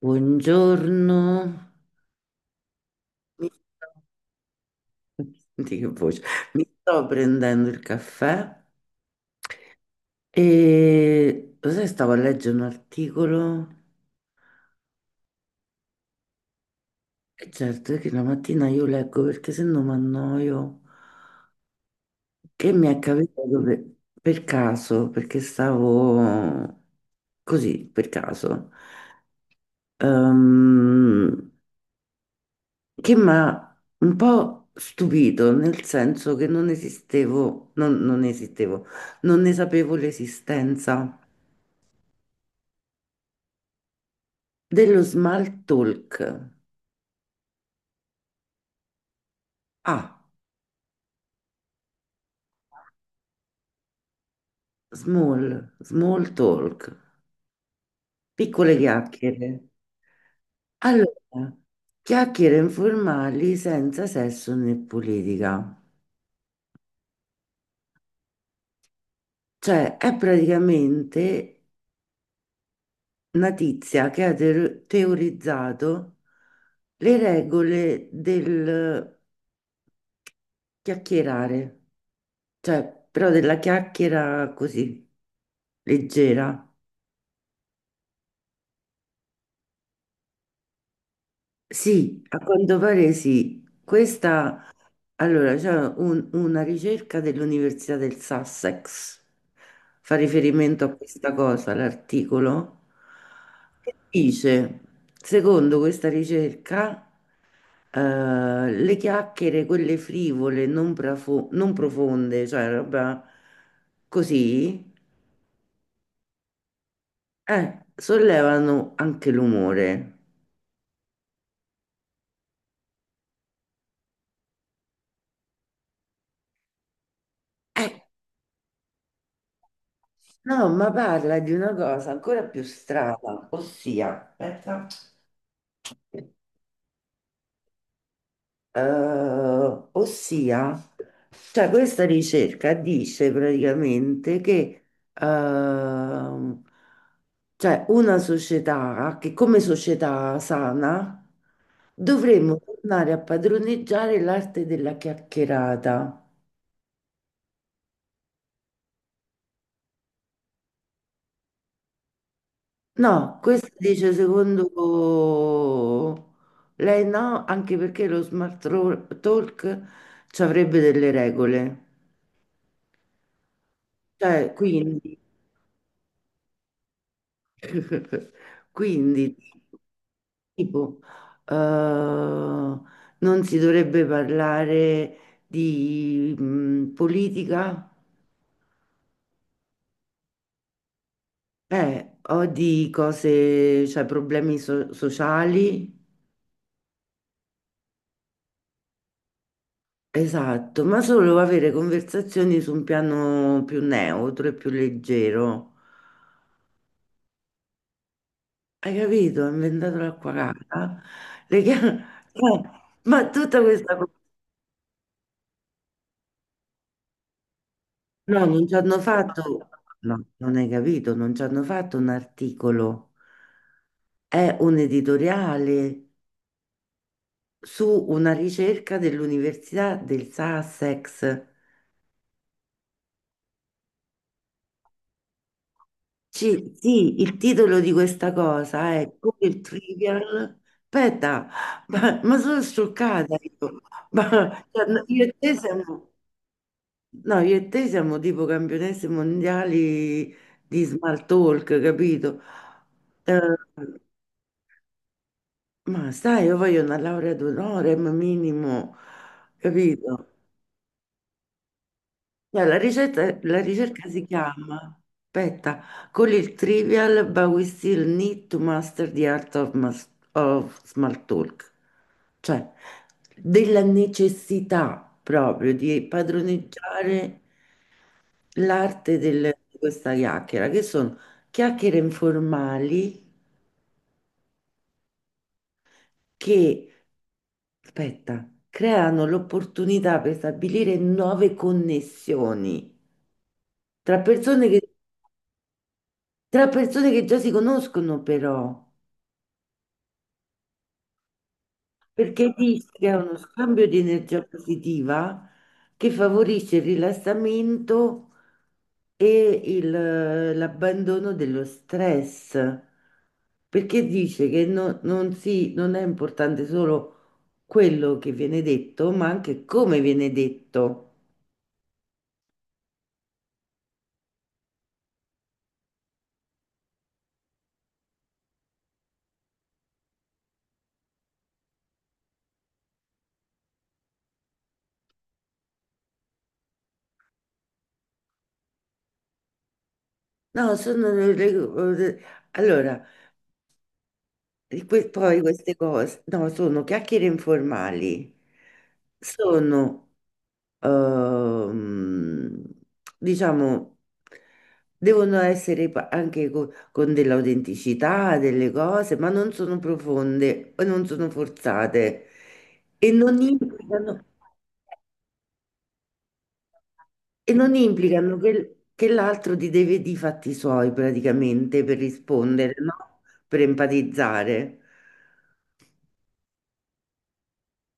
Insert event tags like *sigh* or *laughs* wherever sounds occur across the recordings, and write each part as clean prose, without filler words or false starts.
Buongiorno, mi sto, *laughs* senti che voce? Mi sto prendendo il caffè e lo sai, stavo a leggere un articolo e certo è che la mattina io leggo perché se no mi annoio, che mi è capitato per caso, perché stavo così, per caso. Ehm, che mi ha un po' stupito, nel senso che non esistevo, non ne sapevo l'esistenza dello small talk. Ah, small talk, piccole chiacchiere. Allora, chiacchiere informali senza sesso né politica. Cioè, è praticamente una tizia che ha teorizzato. Le regole del chiacchierare, cioè però della chiacchiera così leggera. Sì, a quanto pare sì. Questa, allora, c'è una ricerca dell'Università del Sussex, fa riferimento a questa cosa, l'articolo, che dice, secondo questa ricerca, eh, le chiacchiere, quelle frivole, non profonde, cioè roba così, sollevano anche l'umore. Eh, no, ma parla di una cosa ancora più strana, ossia, aspetta. Eh, ossia, cioè questa ricerca dice praticamente che ehm, cioè una società che come società sana dovremmo tornare a padroneggiare l'arte della chiacchierata. No, questo dice secondo lei no, anche perché lo talk ci avrebbe delle regole. Cioè, quindi *laughs* quindi, tipo, non si dovrebbe parlare di politica o di cose, cioè problemi sociali. Esatto, ma solo avere conversazioni su un piano più neutro e più leggero. Hai capito? Ho inventato l'acqua calda. Le chia- *laughs* ma tutta questa... No, non ci hanno fatto, no, non hai capito, non ci hanno fatto un articolo, è un editoriale su una ricerca dell'Università del Sussex. Sì, il titolo di questa cosa è Come il Trivial. Aspetta, ma sono scioccata io. Ma, cioè, no, io e te siamo, no, io e te siamo tipo campionesse mondiali di small talk, capito? Eh, Ma sai, io voglio una laurea d'onore, ma minimo, capito? Cioè, la ricerca si chiama, aspetta, con il trivial, but we still need to master the art of small talk. Cioè, della necessità proprio di padroneggiare di questa chiacchiera, che sono chiacchiere informali che, aspetta, creano l'opportunità per stabilire nuove connessioni tra tra persone che già si conoscono, però, perché rischia uno scambio di energia positiva che favorisce il rilassamento e l'abbandono dello stress. Perché dice che non è importante solo quello che viene detto, ma anche come viene detto. No, sono allora, poi queste cose, no, sono chiacchiere informali, sono, ehm, diciamo, devono essere anche con, dell'autenticità, delle cose, ma non sono profonde, e non sono forzate e non implicano. E non implicano che l'altro ti deve di fatti suoi praticamente per rispondere, no? Per empatizzare.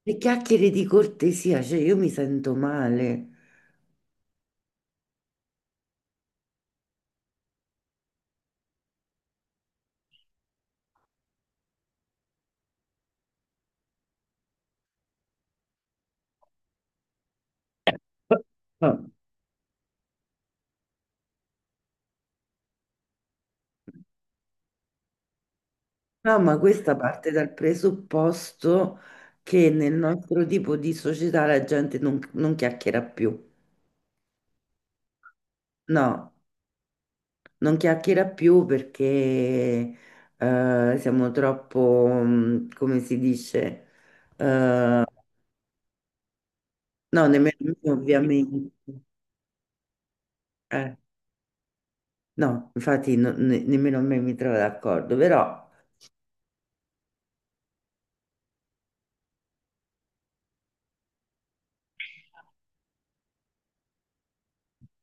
Le chiacchiere di cortesia, cioè io mi sento male. No, ma questa parte dal presupposto che nel nostro tipo di società la gente non, non chiacchiera più. No, non chiacchiera più perché siamo troppo, mm, come si dice, eh, no, nemmeno me, ovviamente. Eh, no, infatti nemmeno me mi trovo d'accordo, però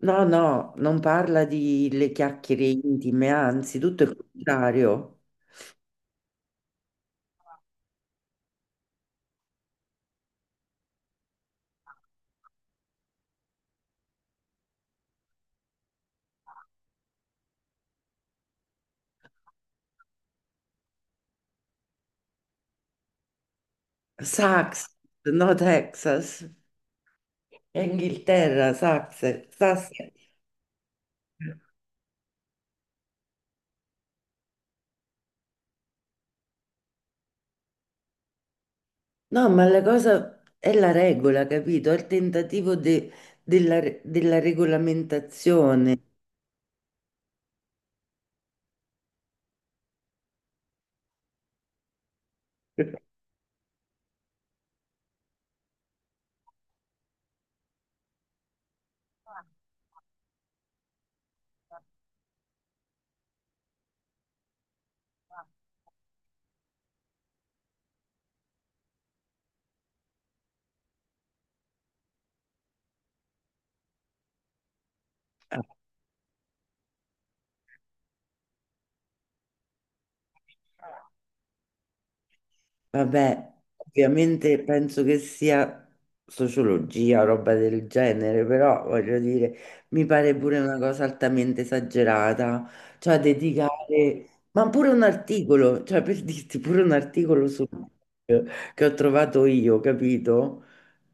no, no, non parla di le chiacchiere intime, anzi, tutto il contrario. Sax, no Texas, è Inghilterra, Sax, Sax. No, ma la cosa è la regola, capito? È il tentativo della, della regolamentazione. *laughs* Vabbè, ovviamente penso che sia sociologia o roba del genere, però voglio dire, mi pare pure una cosa altamente esagerata, cioè dedicare, ma pure un articolo, cioè per dirti pure un articolo su che ho trovato io, capito?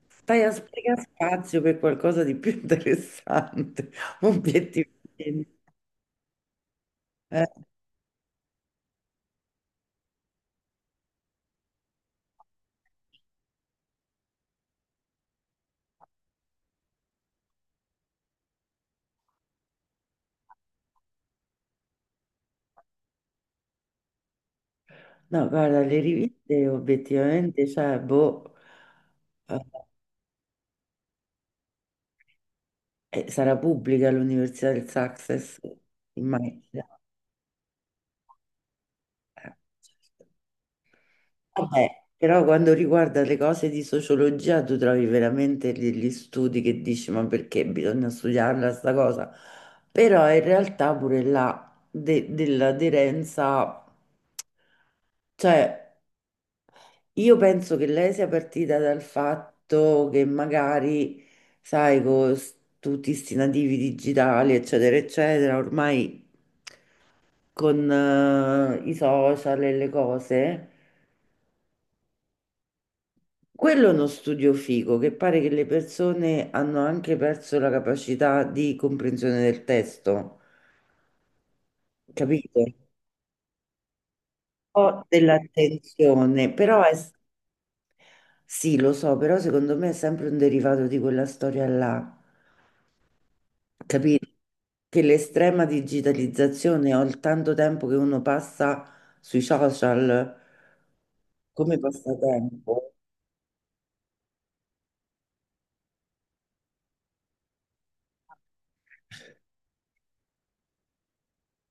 Stai a sprecare spazio per qualcosa di più interessante, *laughs* obiettivamente. Eh, no, guarda, le riviste obiettivamente, cioè, boh. Eh, sarà pubblica l'Università del Success, immagino. Certo. Vabbè, però quando riguarda le cose di sociologia, tu trovi veramente degli studi che dici, ma perché bisogna studiarla sta cosa? Però in realtà pure là dell'aderenza, cioè io penso che lei sia partita dal fatto che magari, sai, tutti questi nativi digitali, eccetera, eccetera, ormai, con i social e le cose, quello è uno studio figo che pare che le persone hanno anche perso la capacità di comprensione del testo, capito? O dell'attenzione, sì, lo so, però secondo me è sempre un derivato di quella storia là, capito? Che l'estrema digitalizzazione o il tanto tempo che uno passa sui social come passatempo.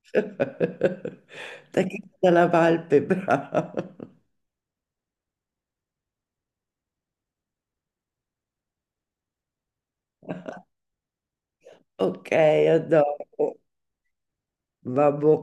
*laughs* Tacchino della Valpe, bravo. *laughs* Ok, adoro. Vabbò.